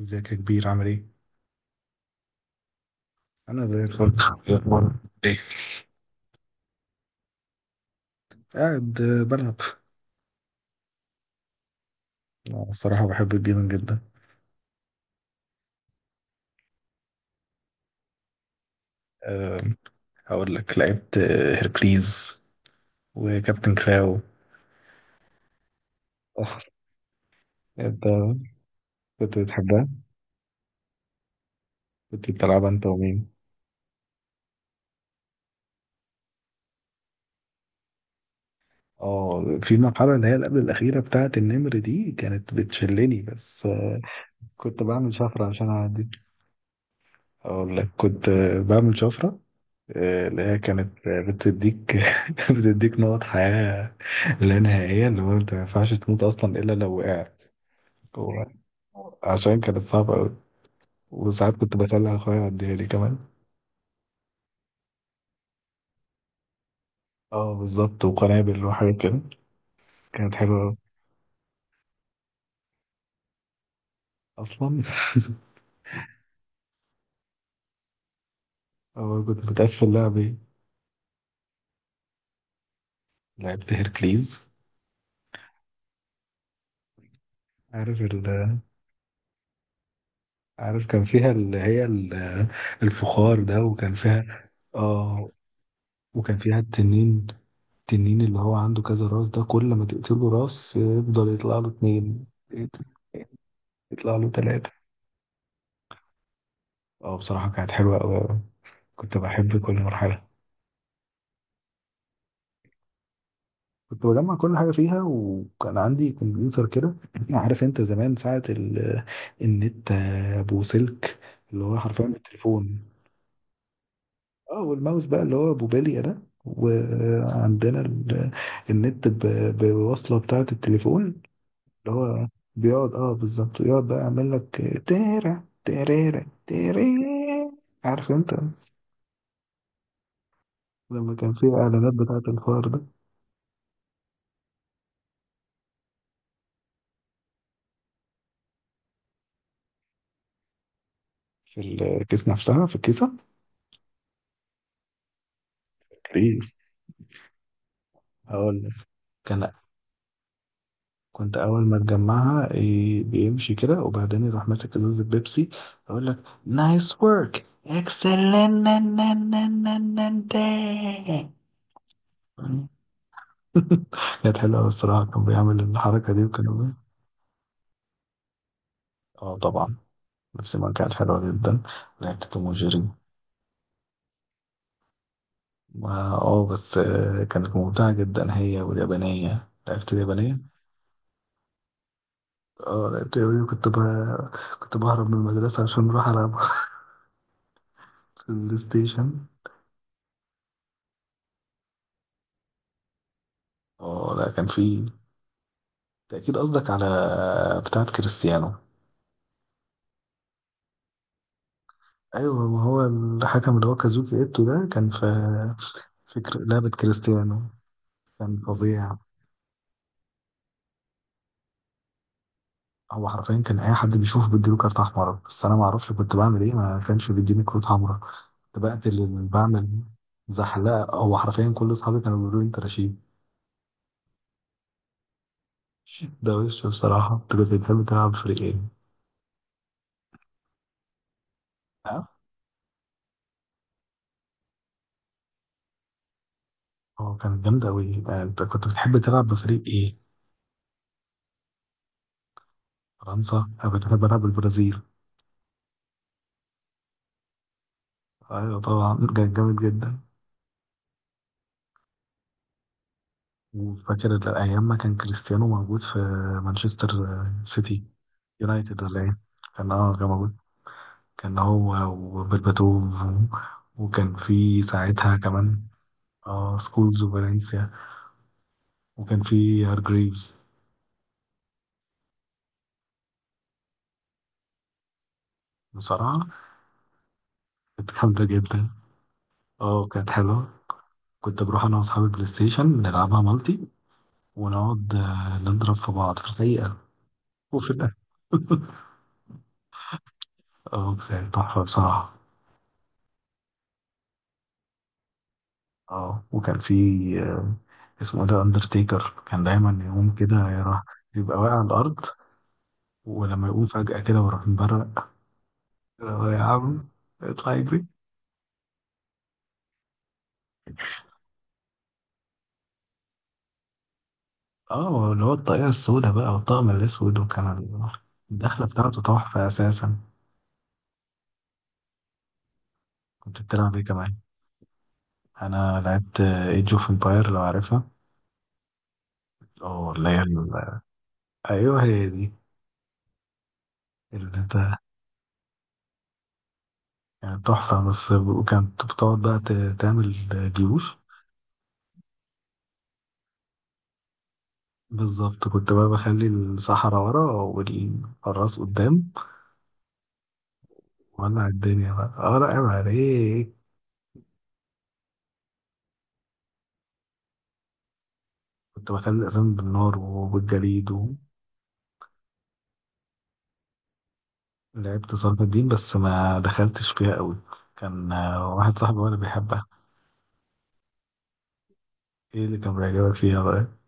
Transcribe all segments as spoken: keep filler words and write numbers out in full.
ازيك يا كبير؟ عامل ايه؟ انا زي الفل. إيه اخبارك؟ ايه. قاعد آه، بلعب. أنا الصراحة بحب الجيمنج جدا. آه، هقول لك لعبت آه، هيركليز وكابتن كلاو. آه، انت كنت بتحبها؟ كنت بتلعبها انت ومين؟ اه، في المرحلة اللي هي اللي قبل الأخيرة بتاعت النمر دي كانت بتشلني بس. آه، كنت بعمل شفرة عشان أعدي. أقول لك كنت آه، بعمل شفرة، آه، اللي هي كانت آه، بتديك. بتديك نقط حياة لا نهائية، اللي هو انت ما ينفعش تموت اصلا الا لو وقعت. هو عشان كانت صعبة أوي، وساعات كنت بخلي أخويا يعديها لي كمان. اه بالظبط، وقنابل وحاجات كده. كانت حلوة أوي. أصلا. أول كنت بتقفل لعب إيه؟ لعبت هيركليز. عارف ال عارف كان فيها اللي هي ال- الفخار ده، وكان فيها. اه، وكان فيها التنين. التنين اللي هو عنده كذا راس ده، كل ما تقتله راس يفضل يطلع له اتنين، يطلع له تلاتة. اه، بصراحة كانت حلوة أوي أوي. كنت بحب كل مرحلة. كنت بجمع كل حاجة فيها، وكان عندي كمبيوتر كده. عارف انت زمان ساعة ال... النت ابو سلك، اللي هو حرفيا بالتليفون. اه، والماوس بقى اللي هو ابو بالية ده، وعندنا ال... النت ب... بوصلة بتاعة التليفون، اللي هو بيقعد اه بالظبط، ويقعد بقى يعمل لك تيرا تيريرا تيري. عارف انت لما كان في اعلانات بتاعة الفار ده. في الكيس نفسها، في الكيسة، كيس. هقول لك كان، كنت اول ما تجمعها إيه، بيمشي كده، وبعدين يروح ماسك ازازة بيبسي، اقول لك نايس ورك اكسلنت. كانت حلوه أوي الصراحه، كان بيعمل الحركه دي، وكان. اه طبعا، نفس ما كانت حلوة جدا. لعبت توم وجيري. ما- اه بس آه، كانت ممتعة جدا، هي واليابانية، لعبت اليابانية. اه، لعبت اليابانية وكنت ب... كنت بهرب من المدرسة عشان أروح ألعب في البلاي ستيشن. اه لا، كان في. أنت أكيد قصدك على بتاعة كريستيانو. أيوة، ما هو الحكم اللي هو كازوكي إيتو ده كان في فكرة لعبة كريستيانو. كان فظيع. هو حرفيا كان أي حد بيشوفه بيديله كارت أحمر، بس أنا معرفش كنت بعمل إيه، ما كانش بيديني كروت حمراء. كنت بقتل اللي بعمل زحلقة. هو حرفيا كل أصحابي كانوا بيقولوا لي أنت رشيد. ده وش بصراحة. أنت كنت بتحب تلعب بفريق إيه؟ اه، هو كانت جامدة أوي. آه، أنت كنت بتحب تلعب بفريق إيه؟ فرنسا؟ أنا كنت بحب ألعب بالبرازيل. أيوة طبعا، كان جامد جدا. وفاكر ال- أيام ما كان كريستيانو موجود في مانشستر آه، سيتي، يونايتد، ولا إيه؟ كان أه كان موجود. كان هو، وبرباتوف و- وكان في ساعتها كمان أه سكولز وفالنسيا، وكان في هارجريفز. بصراحة كانت جامدة جدا. اه كانت حلوة. كنت بروح أنا وأصحابي البلاي ستيشن نلعبها مالتي، ونقعد آه، نضرب في بعض في الحقيقة، وفي الآخر. اه، كانت تحفة بصراحة. اه، وكان في، آه، اسمه إيه ده، أندرتيكر، كان دايما يقوم كده يروح، يبقى واقع على الأرض، ولما يقوم فجأة كده ويروح مبرق. هو يا عم اطلع يجري. اه، اللي هو الطاقية السوداء بقى والطقم الأسود، وكان الدخلة بتاعته تحفة أساسا. كنت بتلعب ايه كمان؟ انا لعبت ايج اوف امباير، لو عارفها، او اللي هي ال- ايوه هي دي. اللي انت، يعني تحفه. بس وكانت بتقعد بقى ت- تعمل جيوش. بالظبط، كنت بقى بخلي الصحراء ورا والحراس قدام، وولع الدنيا بقى. اه لا عيب عليك، كنت بخلي الاسامي بالنار وبالجليد. ولعبت صلاح الدين بس ما دخلتش فيها قوي. كان آه، واحد صاحبي وانا بيحبها. ايه اللي كان بيعجبك فيها بقى؟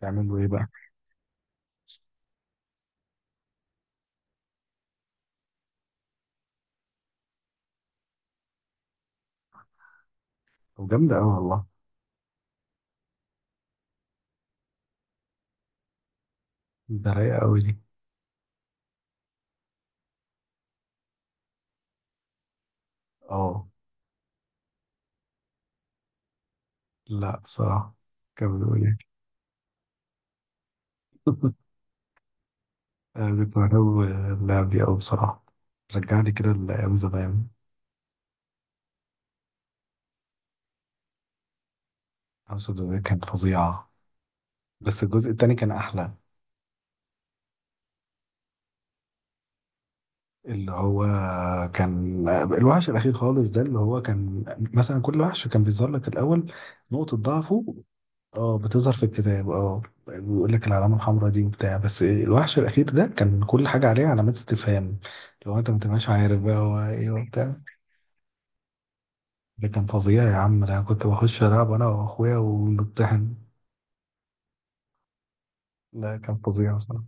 تعملوا ايه بقى؟ وجامدة أوي والله. ده رايقة أوي دي. اه لا بصراحة. كان بيقول يعني. أنا كنت بحب اللعب دي أوي بصراحة. رجعني كده لأيام زمان. هاوس اوف ذا كانت فظيعة. بس الجزء التاني كان أحلى. اللي هو كان الوحش الأخير خالص ده، اللي هو كان مثلا كل وحش كان بيظهر لك الأول نقطة ضعفه. اه، بتظهر في الكتاب. اه، بيقول لك العلامة الحمراء دي وبتاع، بس الوحش الأخير ده كان كل حاجة عليه علامات استفهام. لو أنت ما تبقاش عارف بقى هو إيه وبتاع، ده كان فظيع يا عم. ده أنا كنت بخش ألعب أنا وأخويا ونطحن. ده كان فظيع بصراحة.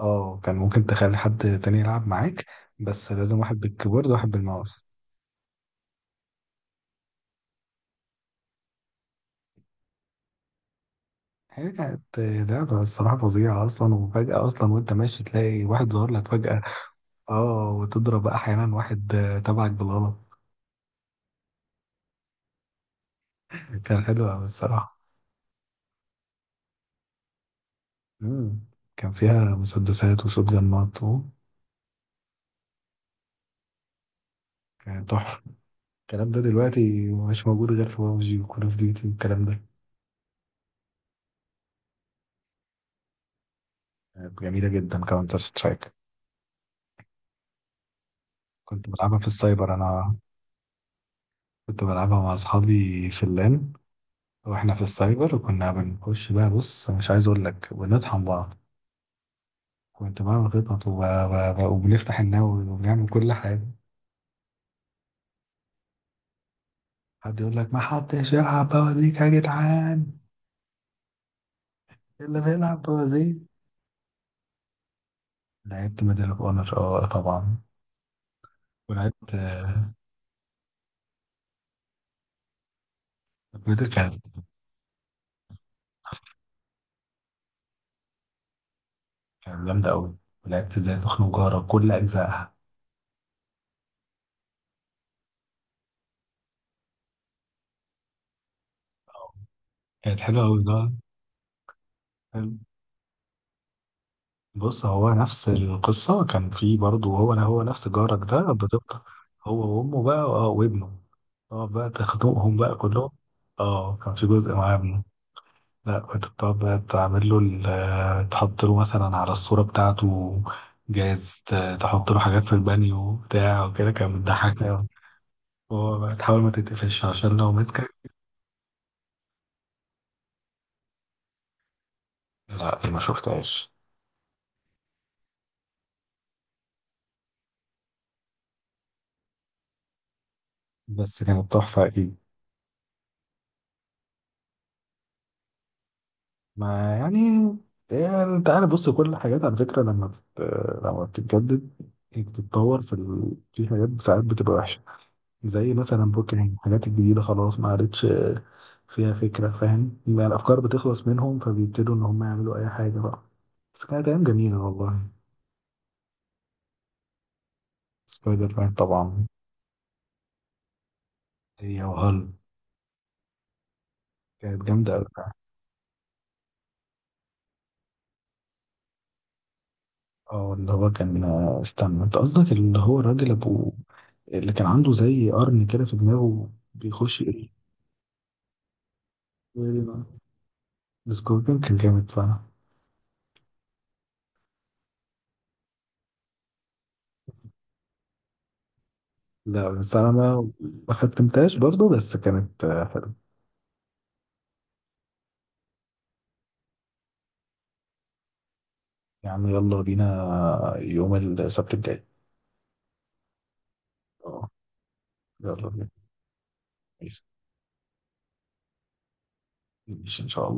اه، كان ممكن تخلي حد تاني يلعب معاك، بس لازم واحد بالكيبورد وواحد بالماوس. هي كانت لعبة الصراحة فظيعة أصلا. وفجأة أصلا وأنت ماشي تلاقي واحد ظهر لك فجأة، اه، وتضرب أحيانا واحد آه، تبعك بالغلط. كان حلو أوي الصراحة. مم. كان فيها مسدسات وشوت جنات و- كان تحفة. الكلام ده دلوقتي مش موجود غير في بابجي وكول أوف ديوتي والكلام ده. جميلة جدا كاونتر سترايك. كنت بلعبها في السايبر أنا. كنت بلعبها مع أصحابي في اللان، وإحنا في السايبر. وكنا بنخش بقى، بص، مش عايز أقول لك بنطحن بعض. كنت بعمل خطط وب... وب... وبنفتح النووي وبنعمل كل حاجة. حد يقول لك ما حدش يلعب بوازيك يا جدعان. إيه اللي بيلعب بوازيك. لعبت ميدل أوف أونر، أه طبعا. ولعبت آه، ميدل. كانت كانت جامدة أوي. ولعبت إزاي تخنق جارك كل أجزائها، كانت حلوة أوي. ده بص، هو نفس القصة. كان في برضه هو هو نفس جارك ده، بتفضل هو وأمه بقى، اه، وابنه. اه، بقى تخنقهم بقى كلهم. اه، كان في جزء مع ابنه. لا، كنت بتقعد بقى تعمل له ال- آه، تحط له مثلا على الصورة بتاعته. جايز ت- تحط له حاجات في البانيو بتاع وكده، كان بتضحكني أوي. هو بقى تحاول ما تتقفش عشان لو مسكك. لا، دي ما شفتهاش. بس كانت تحفة أكيد. ما يعني، يعني انت عارف بص، كل الحاجات على فكرة لما بت... لما بتتجدد، بتتطور في ال... في حاجات ساعات بتبقى وحشة. زي مثلا بوكيمون الحاجات الجديدة خلاص ما عادتش فيها فكرة، فاهم؟ يعني الأفكار بتخلص منهم فبيبتدوا إن هم يعملوا أي حاجة بقى. بس كانت أيام جميلة والله. سبايدر مان طبعا. هي وهل، كانت جامدة أوي بقى. اه، اللي هو كان، استنى، انت قصدك اللي هو الراجل ابو، اللي كان عنده زي قرن كده في دماغه بيخش. سكوربيون كان جامد فعلا. لا، بس انا ما ما ختمتهاش برضه، بس كانت آه، حلوه. يعني يلا بينا يوم السبت الجاي. اه يلا بينا. ماشي. ماشي ان شاء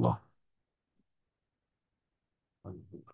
الله